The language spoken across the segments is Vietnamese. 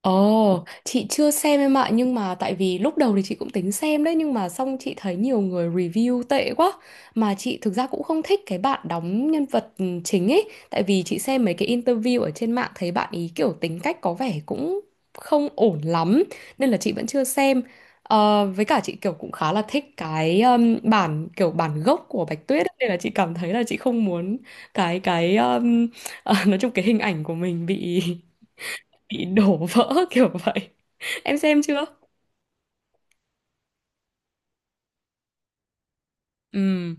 Ồ, chị chưa xem em ạ, nhưng mà tại vì lúc đầu thì chị cũng tính xem đấy, nhưng mà xong chị thấy nhiều người review tệ quá, mà chị thực ra cũng không thích cái bạn đóng nhân vật chính ấy, tại vì chị xem mấy cái interview ở trên mạng thấy bạn ý kiểu tính cách có vẻ cũng không ổn lắm, nên là chị vẫn chưa xem. Ờ, với cả chị kiểu cũng khá là thích cái bản kiểu bản gốc của Bạch Tuyết ấy, nên là chị cảm thấy là chị không muốn cái nói chung cái hình ảnh của mình bị đổ vỡ kiểu vậy. Em xem chưa? Ừ.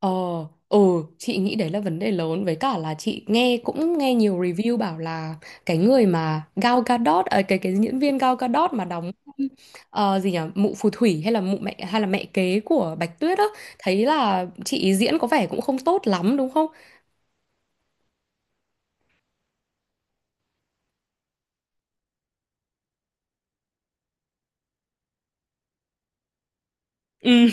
Ờ. Ừ. Chị nghĩ đấy là vấn đề lớn, với cả là chị nghe cũng nghe nhiều review bảo là cái người mà Gal Gadot à, cái diễn viên Gal Gadot mà đóng gì nhỉ, mụ phù thủy hay là mụ mẹ hay là mẹ kế của Bạch Tuyết á, thấy là chị ý diễn có vẻ cũng không tốt lắm đúng không. Ừ.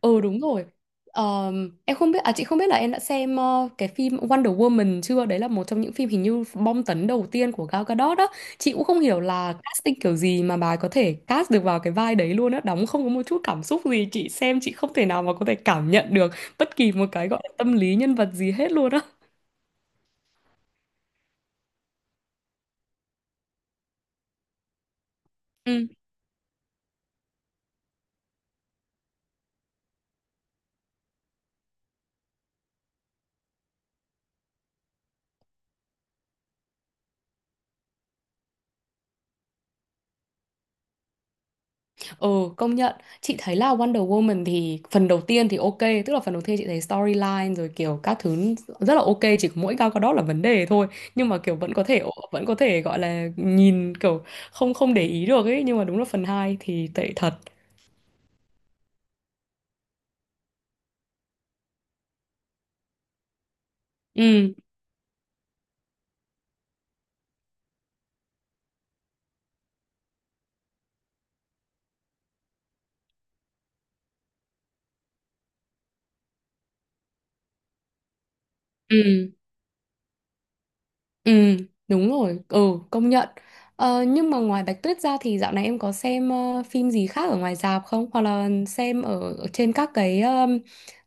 Ừ đúng rồi. Em không biết à Chị không biết là em đã xem cái phim Wonder Woman chưa? Đấy là một trong những phim hình như bom tấn đầu tiên của Gal Gadot đó. Chị cũng không hiểu là casting kiểu gì mà bà ấy có thể cast được vào cái vai đấy luôn á, đóng không có một chút cảm xúc gì, chị xem chị không thể nào mà có thể cảm nhận được bất kỳ một cái gọi là tâm lý nhân vật gì hết luôn á. Ừ. Ừ, công nhận. Chị thấy là Wonder Woman thì phần đầu tiên thì ok, tức là phần đầu tiên chị thấy storyline rồi kiểu các thứ rất là ok, chỉ có mỗi Gal Gadot là vấn đề thôi. Nhưng mà kiểu vẫn có thể gọi là nhìn kiểu không không để ý được ấy, nhưng mà đúng là phần hai thì tệ thật. Ừ, ừ, ừ, đúng rồi. Ừ, công nhận. Ờ, nhưng mà ngoài Bạch Tuyết ra thì dạo này em có xem phim gì khác ở ngoài rạp không? Hoặc là xem ở trên các cái um,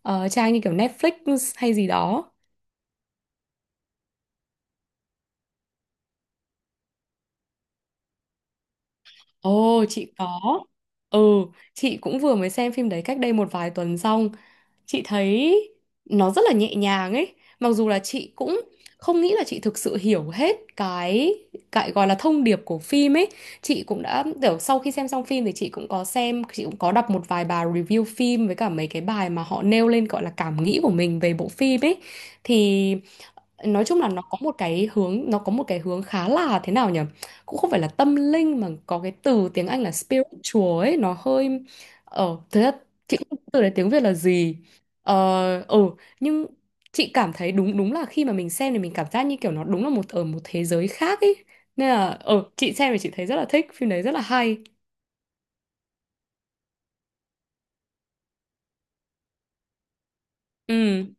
ờ, trang như kiểu Netflix hay gì đó. Ồ, chị có. Ừ, chị cũng vừa mới xem phim đấy cách đây một vài tuần xong. Chị thấy nó rất là nhẹ nhàng ấy. Mặc dù là chị cũng không nghĩ là chị thực sự hiểu hết cái gọi là thông điệp của phim ấy. Chị cũng đã kiểu sau khi xem xong phim thì chị cũng có đọc một vài bài review phim với cả mấy cái bài mà họ nêu lên gọi là cảm nghĩ của mình về bộ phim ấy. Thì nói chung là nó có một cái hướng khá là thế nào nhỉ, cũng không phải là tâm linh mà có cái từ tiếng Anh là spiritual ấy, nó hơi thế là chị cũng không biết từ đấy tiếng Việt là gì. ờ ừ nhưng chị cảm thấy đúng đúng là khi mà mình xem thì mình cảm giác như kiểu nó đúng là một thế giới khác ấy, nên là chị xem thì chị thấy rất là thích phim đấy, rất là hay. Ừ.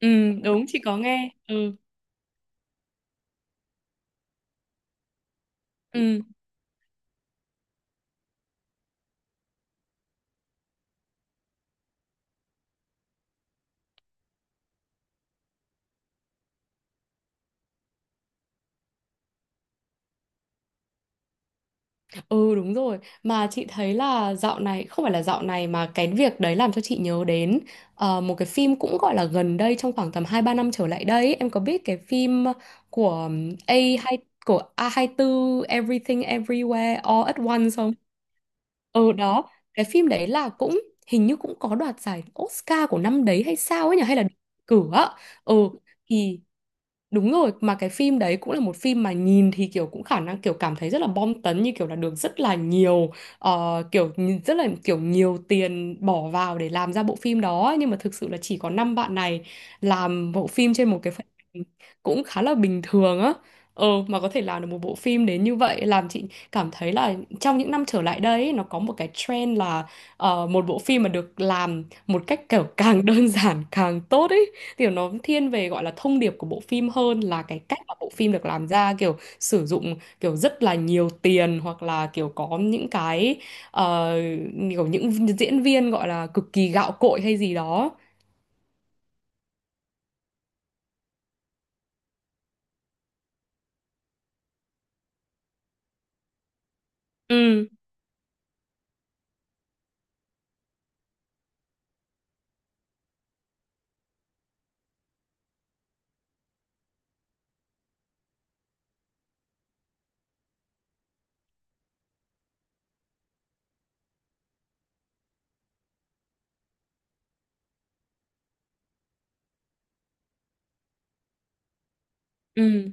Ừ, đúng, chị có nghe. Ừ. Ừ. Ừ đúng rồi. Mà chị thấy là dạo này, không phải là dạo này mà cái việc đấy làm cho chị nhớ đến một cái phim cũng gọi là gần đây, trong khoảng tầm 2 3 năm trở lại đây ấy. Em có biết cái phim của A hai của A24 hai tư Everything Everywhere All at Once không? Ừ đó. Cái phim đấy là cũng hình như cũng có đoạt giải Oscar của năm đấy hay sao ấy nhỉ? Hay là đề cử á? Ừ thì đúng rồi, mà cái phim đấy cũng là một phim mà nhìn thì kiểu cũng khả năng kiểu cảm thấy rất là bom tấn, như kiểu là được rất là nhiều rất là kiểu nhiều tiền bỏ vào để làm ra bộ phim đó ấy, nhưng mà thực sự là chỉ có năm bạn này làm bộ phim trên một cái phần cũng khá là bình thường á. Ờ, mà có thể làm được một bộ phim đến như vậy làm chị cảm thấy là trong những năm trở lại đây ấy, nó có một cái trend là một bộ phim mà được làm một cách kiểu càng đơn giản càng tốt ý, kiểu nó thiên về gọi là thông điệp của bộ phim hơn là cái cách mà bộ phim được làm ra kiểu sử dụng kiểu rất là nhiều tiền, hoặc là kiểu có những cái ờ, kiểu những diễn viên gọi là cực kỳ gạo cội hay gì đó. Ừ. Ừ.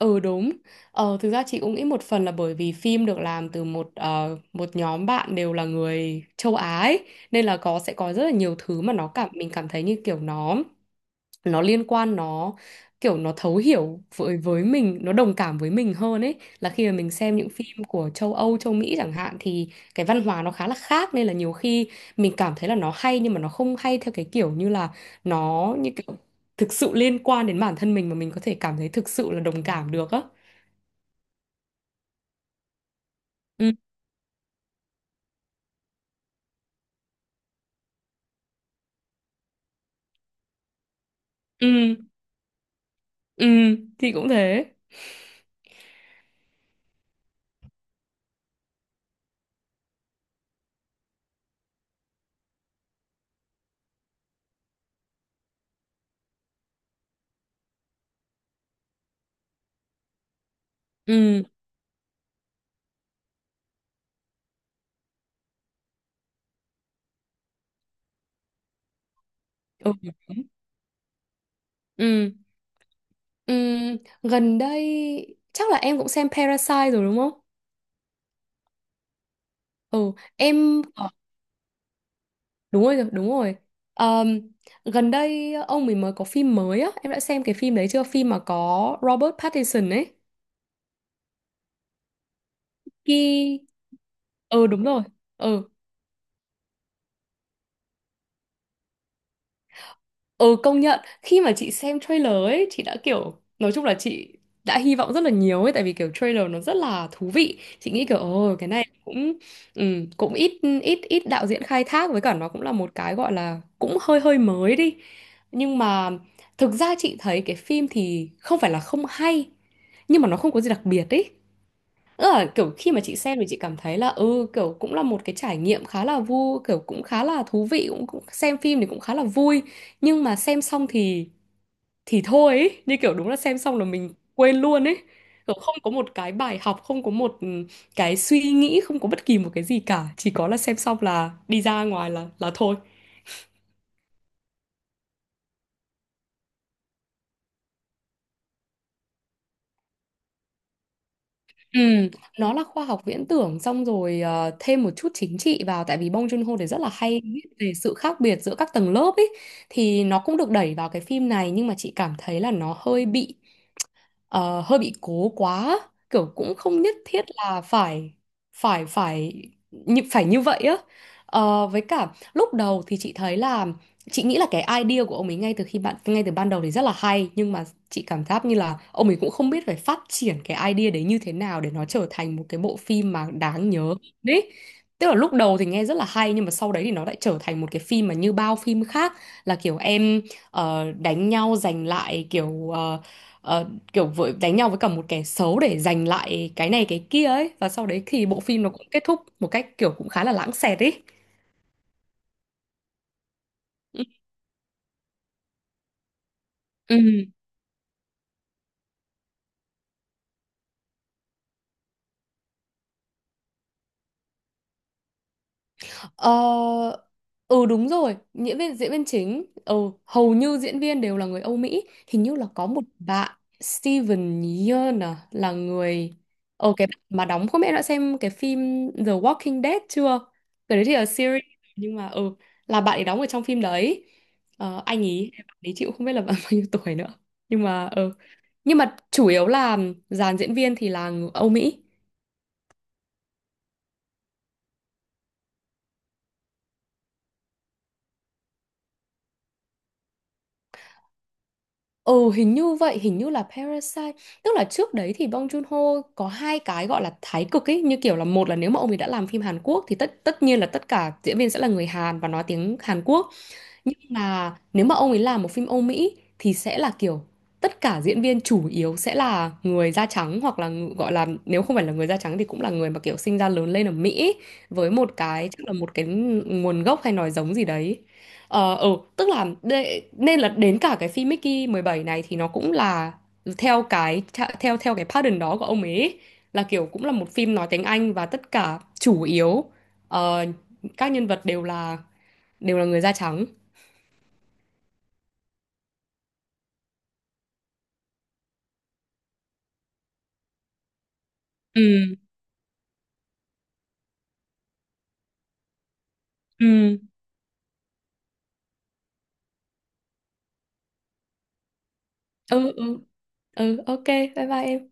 Ừ, đúng. Thực ra chị cũng nghĩ một phần là bởi vì phim được làm từ một nhóm bạn đều là người châu Á ấy, nên là sẽ có rất là nhiều thứ mà nó cảm mình cảm thấy như kiểu nó liên quan, nó kiểu nó thấu hiểu với mình, nó đồng cảm với mình hơn ấy, là khi mà mình xem những phim của châu Âu châu Mỹ chẳng hạn thì cái văn hóa nó khá là khác, nên là nhiều khi mình cảm thấy là nó hay nhưng mà nó không hay theo cái kiểu như là nó như kiểu thực sự liên quan đến bản thân mình mà mình có thể cảm thấy thực sự là đồng cảm được á. Ừ. Ừ. Ừ, thì cũng thế. Ừ. Ừ. Ừ. Ừ, gần đây chắc là em cũng xem Parasite rồi đúng không? Ừ, em. Đúng rồi, đúng rồi. Ờm, Gần đây ông mình mới có phim mới á, em đã xem cái phim đấy chưa? Phim mà có Robert Pattinson ấy. Khi Ừ đúng rồi. Ừ. Ừ, công nhận, khi mà chị xem trailer ấy chị đã kiểu nói chung là chị đã hy vọng rất là nhiều ấy, tại vì kiểu trailer nó rất là thú vị, chị nghĩ kiểu ồ cái này cũng ừ, cũng ít ít ít đạo diễn khai thác, với cả nó cũng là một cái gọi là cũng hơi hơi mới đi. Nhưng mà thực ra chị thấy cái phim thì không phải là không hay, nhưng mà nó không có gì đặc biệt ấy. Tức là kiểu khi mà chị xem thì chị cảm thấy là kiểu cũng là một cái trải nghiệm khá là vui, kiểu cũng khá là thú vị, cũng xem phim thì cũng khá là vui, nhưng mà xem xong thì thôi ấy. Như kiểu đúng là xem xong là mình quên luôn ấy, kiểu không có một cái bài học, không có một cái suy nghĩ, không có bất kỳ một cái gì cả, chỉ có là xem xong là đi ra ngoài là thôi. Ừ, nó là khoa học viễn tưởng xong rồi thêm một chút chính trị vào, tại vì Bong Joon-ho thì rất là hay viết về sự khác biệt giữa các tầng lớp ấy, thì nó cũng được đẩy vào cái phim này, nhưng mà chị cảm thấy là nó hơi bị ờ, hơi bị cố quá, kiểu cũng không nhất thiết là phải phải phải như vậy á. Ờ, với cả lúc đầu thì chị thấy là chị nghĩ là cái idea của ông ấy ngay từ ban đầu thì rất là hay, nhưng mà chị cảm giác như là ông ấy cũng không biết phải phát triển cái idea đấy như thế nào để nó trở thành một cái bộ phim mà đáng nhớ đấy, tức là lúc đầu thì nghe rất là hay nhưng mà sau đấy thì nó lại trở thành một cái phim mà như bao phim khác, là kiểu em đánh nhau giành lại kiểu ờ, kiểu vội đánh nhau với cả một kẻ xấu để giành lại cái này cái kia ấy, và sau đấy thì bộ phim nó cũng kết thúc một cách kiểu cũng khá là lãng xẹt ấy. Ừ. Ờ, ừ đúng rồi, diễn viên chính, hầu như diễn viên đều là người Âu Mỹ, hình như là có một bạn Steven Yeun à, là người ờ cái bạn mà đóng, không biết đã xem cái phim The Walking Dead chưa? Cái đấy thì là series nhưng mà là bạn ấy đóng ở trong phim đấy. Ờ, anh ấy bạn ấy chịu không biết là bạn bao nhiêu tuổi nữa. Nhưng mà ừ, nhưng mà chủ yếu là dàn diễn viên thì là người Âu Mỹ. Ừ hình như vậy, hình như là Parasite. Tức là trước đấy thì Bong Joon-ho có hai cái gọi là thái cực ấy, như kiểu là một là nếu mà ông ấy đã làm phim Hàn Quốc thì tất tất nhiên là tất cả diễn viên sẽ là người Hàn và nói tiếng Hàn Quốc, nhưng mà nếu mà ông ấy làm một phim Âu Mỹ thì sẽ là kiểu tất cả diễn viên chủ yếu sẽ là người da trắng, hoặc là gọi là nếu không phải là người da trắng thì cũng là người mà kiểu sinh ra lớn lên ở Mỹ với một cái chắc là một cái nguồn gốc hay nói giống gì đấy. Ờ, ừ, tức là nên là đến cả cái phim Mickey 17 này thì nó cũng là theo cái theo theo cái pattern đó của ông ấy, là kiểu cũng là một phim nói tiếng Anh và tất cả chủ yếu ờ, các nhân vật đều là người da trắng. Ừ. Ừ. Ừ. Ừ. Ừ, ok, bye bye em.